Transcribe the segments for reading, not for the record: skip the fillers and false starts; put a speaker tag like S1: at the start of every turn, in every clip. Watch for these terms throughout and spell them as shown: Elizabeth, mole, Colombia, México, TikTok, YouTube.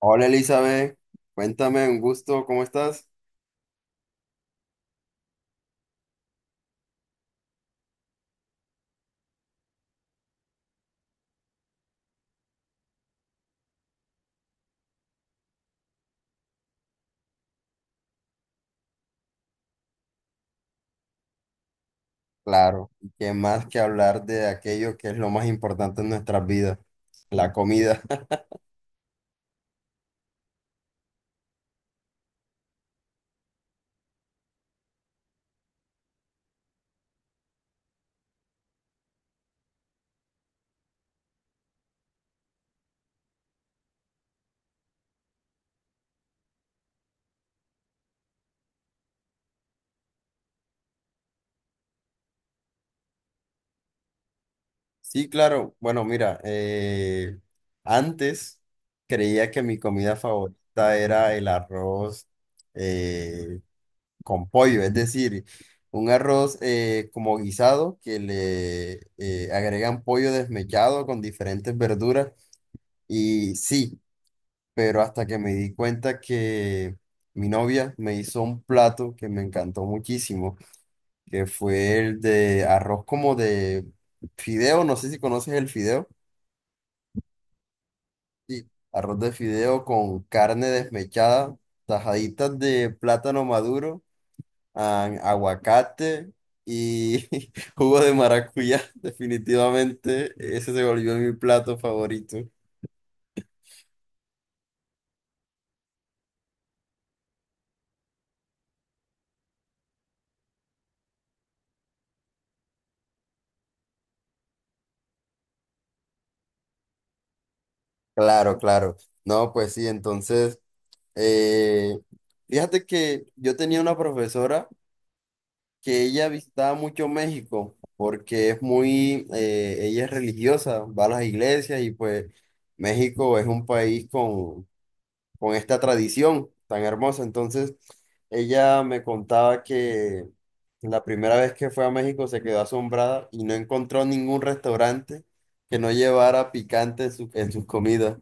S1: Hola Elizabeth, cuéntame, un gusto, ¿cómo estás? Claro, y qué más que hablar de aquello que es lo más importante en nuestras vidas, la comida. Sí, claro, bueno, mira, antes creía que mi comida favorita era el arroz eh, con pollo, es decir, un arroz como guisado que le agregan pollo desmechado con diferentes verduras. Y sí, pero hasta que me di cuenta que mi novia me hizo un plato que me encantó muchísimo, que fue el de arroz como de fideo, no sé si conoces el fideo, sí, arroz de fideo con carne desmechada, tajaditas de plátano maduro, ah, aguacate y jugo de maracuyá, definitivamente ese se volvió mi plato favorito. Claro, claro. No, pues sí, entonces... Eh, fíjate que yo tenía una profesora que ella visitaba mucho México porque es muy, ella es religiosa, va a las iglesias y pues México es un país con esta tradición tan hermosa. Entonces ella me contaba que la primera vez que fue a México se quedó asombrada y no encontró ningún restaurante que no llevara picante en en sus comidas.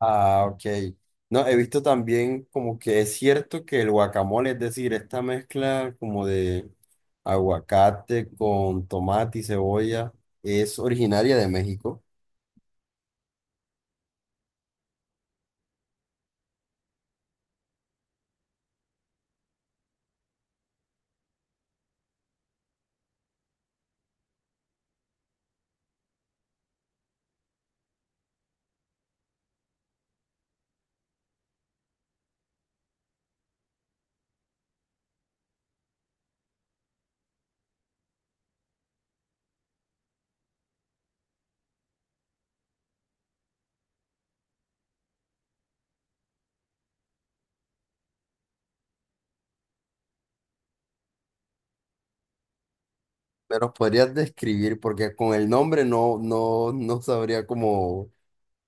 S1: Ah, ok. No, he visto también como que es cierto que el guacamole, es decir, esta mezcla como de aguacate con tomate y cebolla, es originaria de México. Pero podrías describir, porque con el nombre no sabría cómo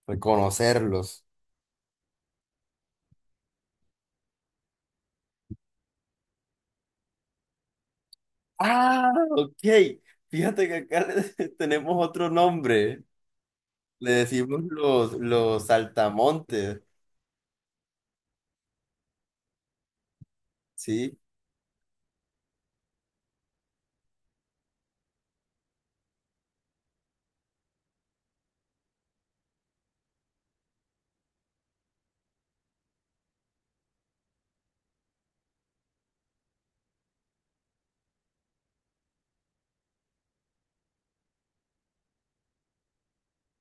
S1: reconocerlos. Ah, ok. Fíjate que acá tenemos otro nombre. Le decimos los saltamontes, ¿sí?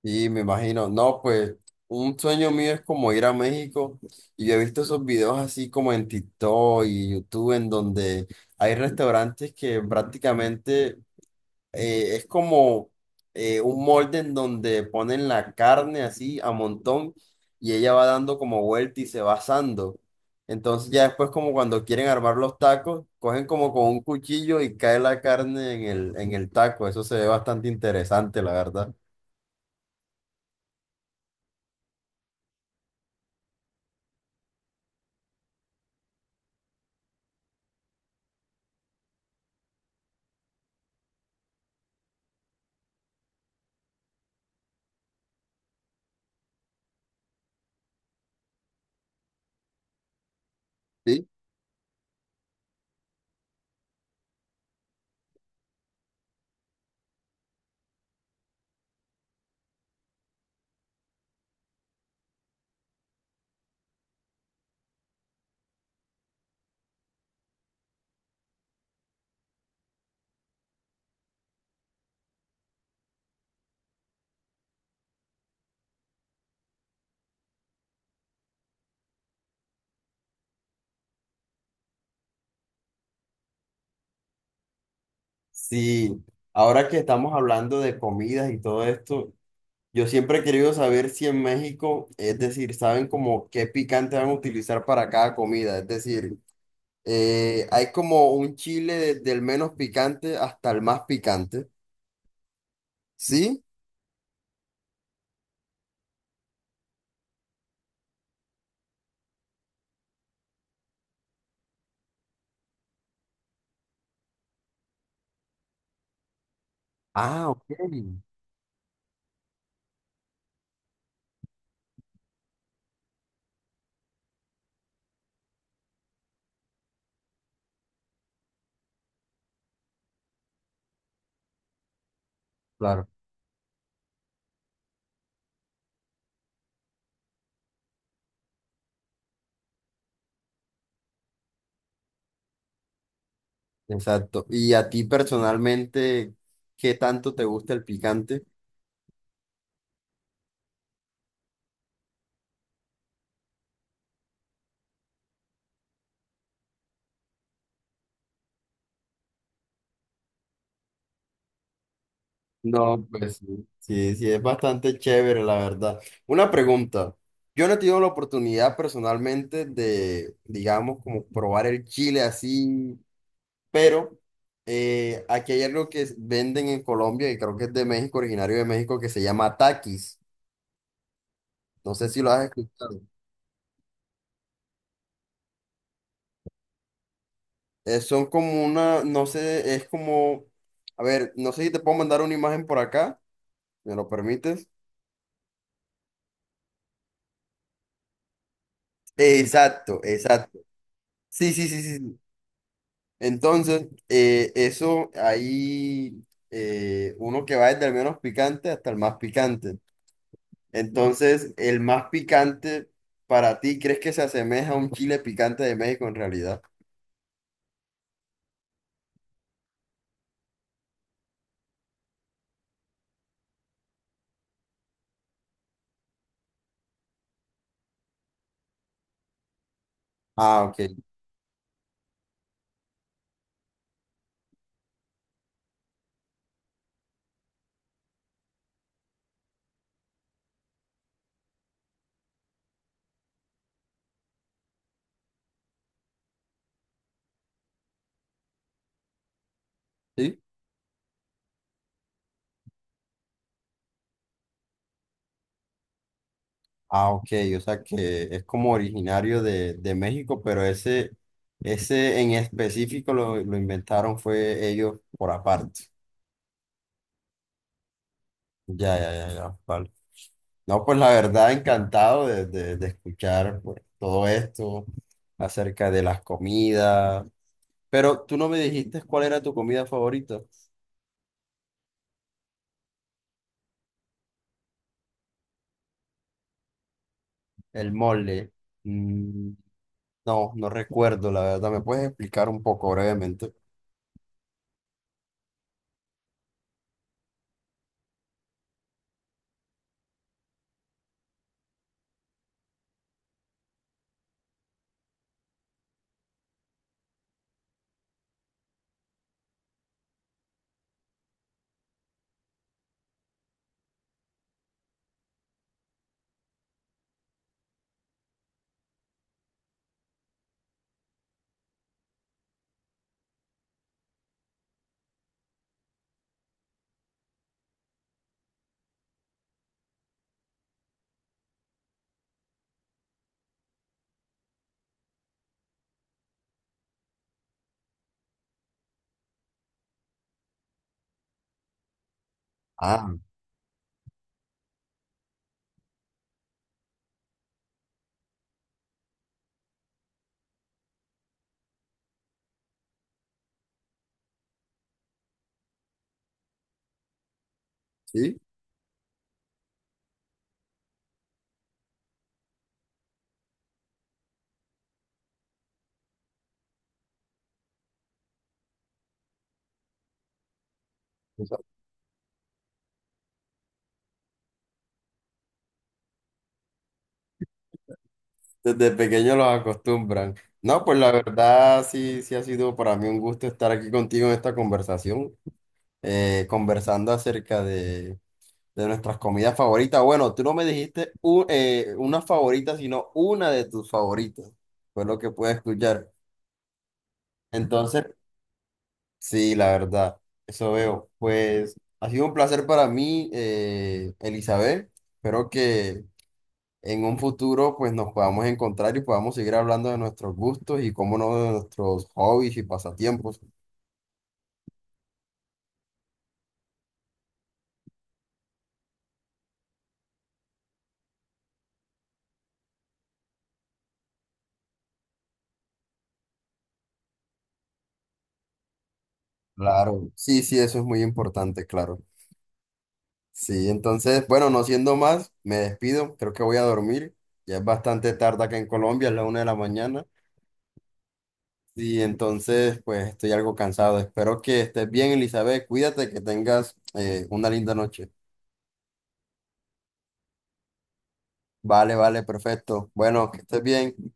S1: Sí, me imagino. No, pues un sueño mío es como ir a México y yo he visto esos videos así como en TikTok y YouTube en donde hay restaurantes que prácticamente es como un molde en donde ponen la carne así a montón y ella va dando como vuelta y se va asando. Entonces ya después como cuando quieren armar los tacos, cogen como con un cuchillo y cae la carne en en el taco. Eso se ve bastante interesante, la verdad. Sí, ahora que estamos hablando de comidas y todo esto, yo siempre he querido saber si en México, es decir, saben como qué picante van a utilizar para cada comida, es decir, hay como un chile desde el menos picante hasta el más picante, ¿sí? Ah, ok, claro, exacto. ¿Y a ti personalmente, qué tanto te gusta el picante? No, pues sí, sí, sí, es bastante chévere, la verdad. Una pregunta. Yo no he tenido la oportunidad personalmente de, digamos, como probar el chile así, pero aquí hay algo que venden en Colombia y creo que es de México, originario de México, que se llama taquis. No sé si lo has escuchado. Son como una, no sé, es como, a ver, no sé si te puedo mandar una imagen por acá, ¿me lo permites? Exacto, exacto. Sí, sí, sí, sí, sí. Entonces, eso ahí, uno que va desde el menos picante hasta el más picante. Entonces, el más picante para ti, ¿crees que se asemeja a un chile picante de México en realidad? Ah, ok. ¿Sí? Ah, ok. O sea que es como originario de México, pero ese en específico lo inventaron fue ellos por aparte. Ya, ya, ya, ya. Vale. No, pues la verdad, encantado de, de escuchar pues, todo esto acerca de las comidas. Pero tú no me dijiste cuál era tu comida favorita. El mole. Mm, no, no recuerdo, la verdad. ¿Me puedes explicar un poco brevemente? Ah, sí. O sea, desde pequeño los acostumbran. No, pues la verdad, sí, sí ha sido para mí un gusto estar aquí contigo en esta conversación, conversando acerca de nuestras comidas favoritas. Bueno, tú no me dijiste una favorita, sino una de tus favoritas. Fue lo que pude escuchar. Entonces, sí, la verdad, eso veo. Pues ha sido un placer para mí, Elizabeth. Espero que en un futuro pues nos podamos encontrar y podamos seguir hablando de nuestros gustos y cómo no de nuestros hobbies y pasatiempos. Claro, sí, sí, eso es muy importante, claro. Sí, entonces, bueno, no siendo más, me despido, creo que voy a dormir, ya es bastante tarde acá en Colombia, es la 1:00 de la mañana, y entonces, pues estoy algo cansado, espero que estés bien, Elizabeth, cuídate, que tengas una linda noche. Vale, vale, perfecto, bueno, que estés bien.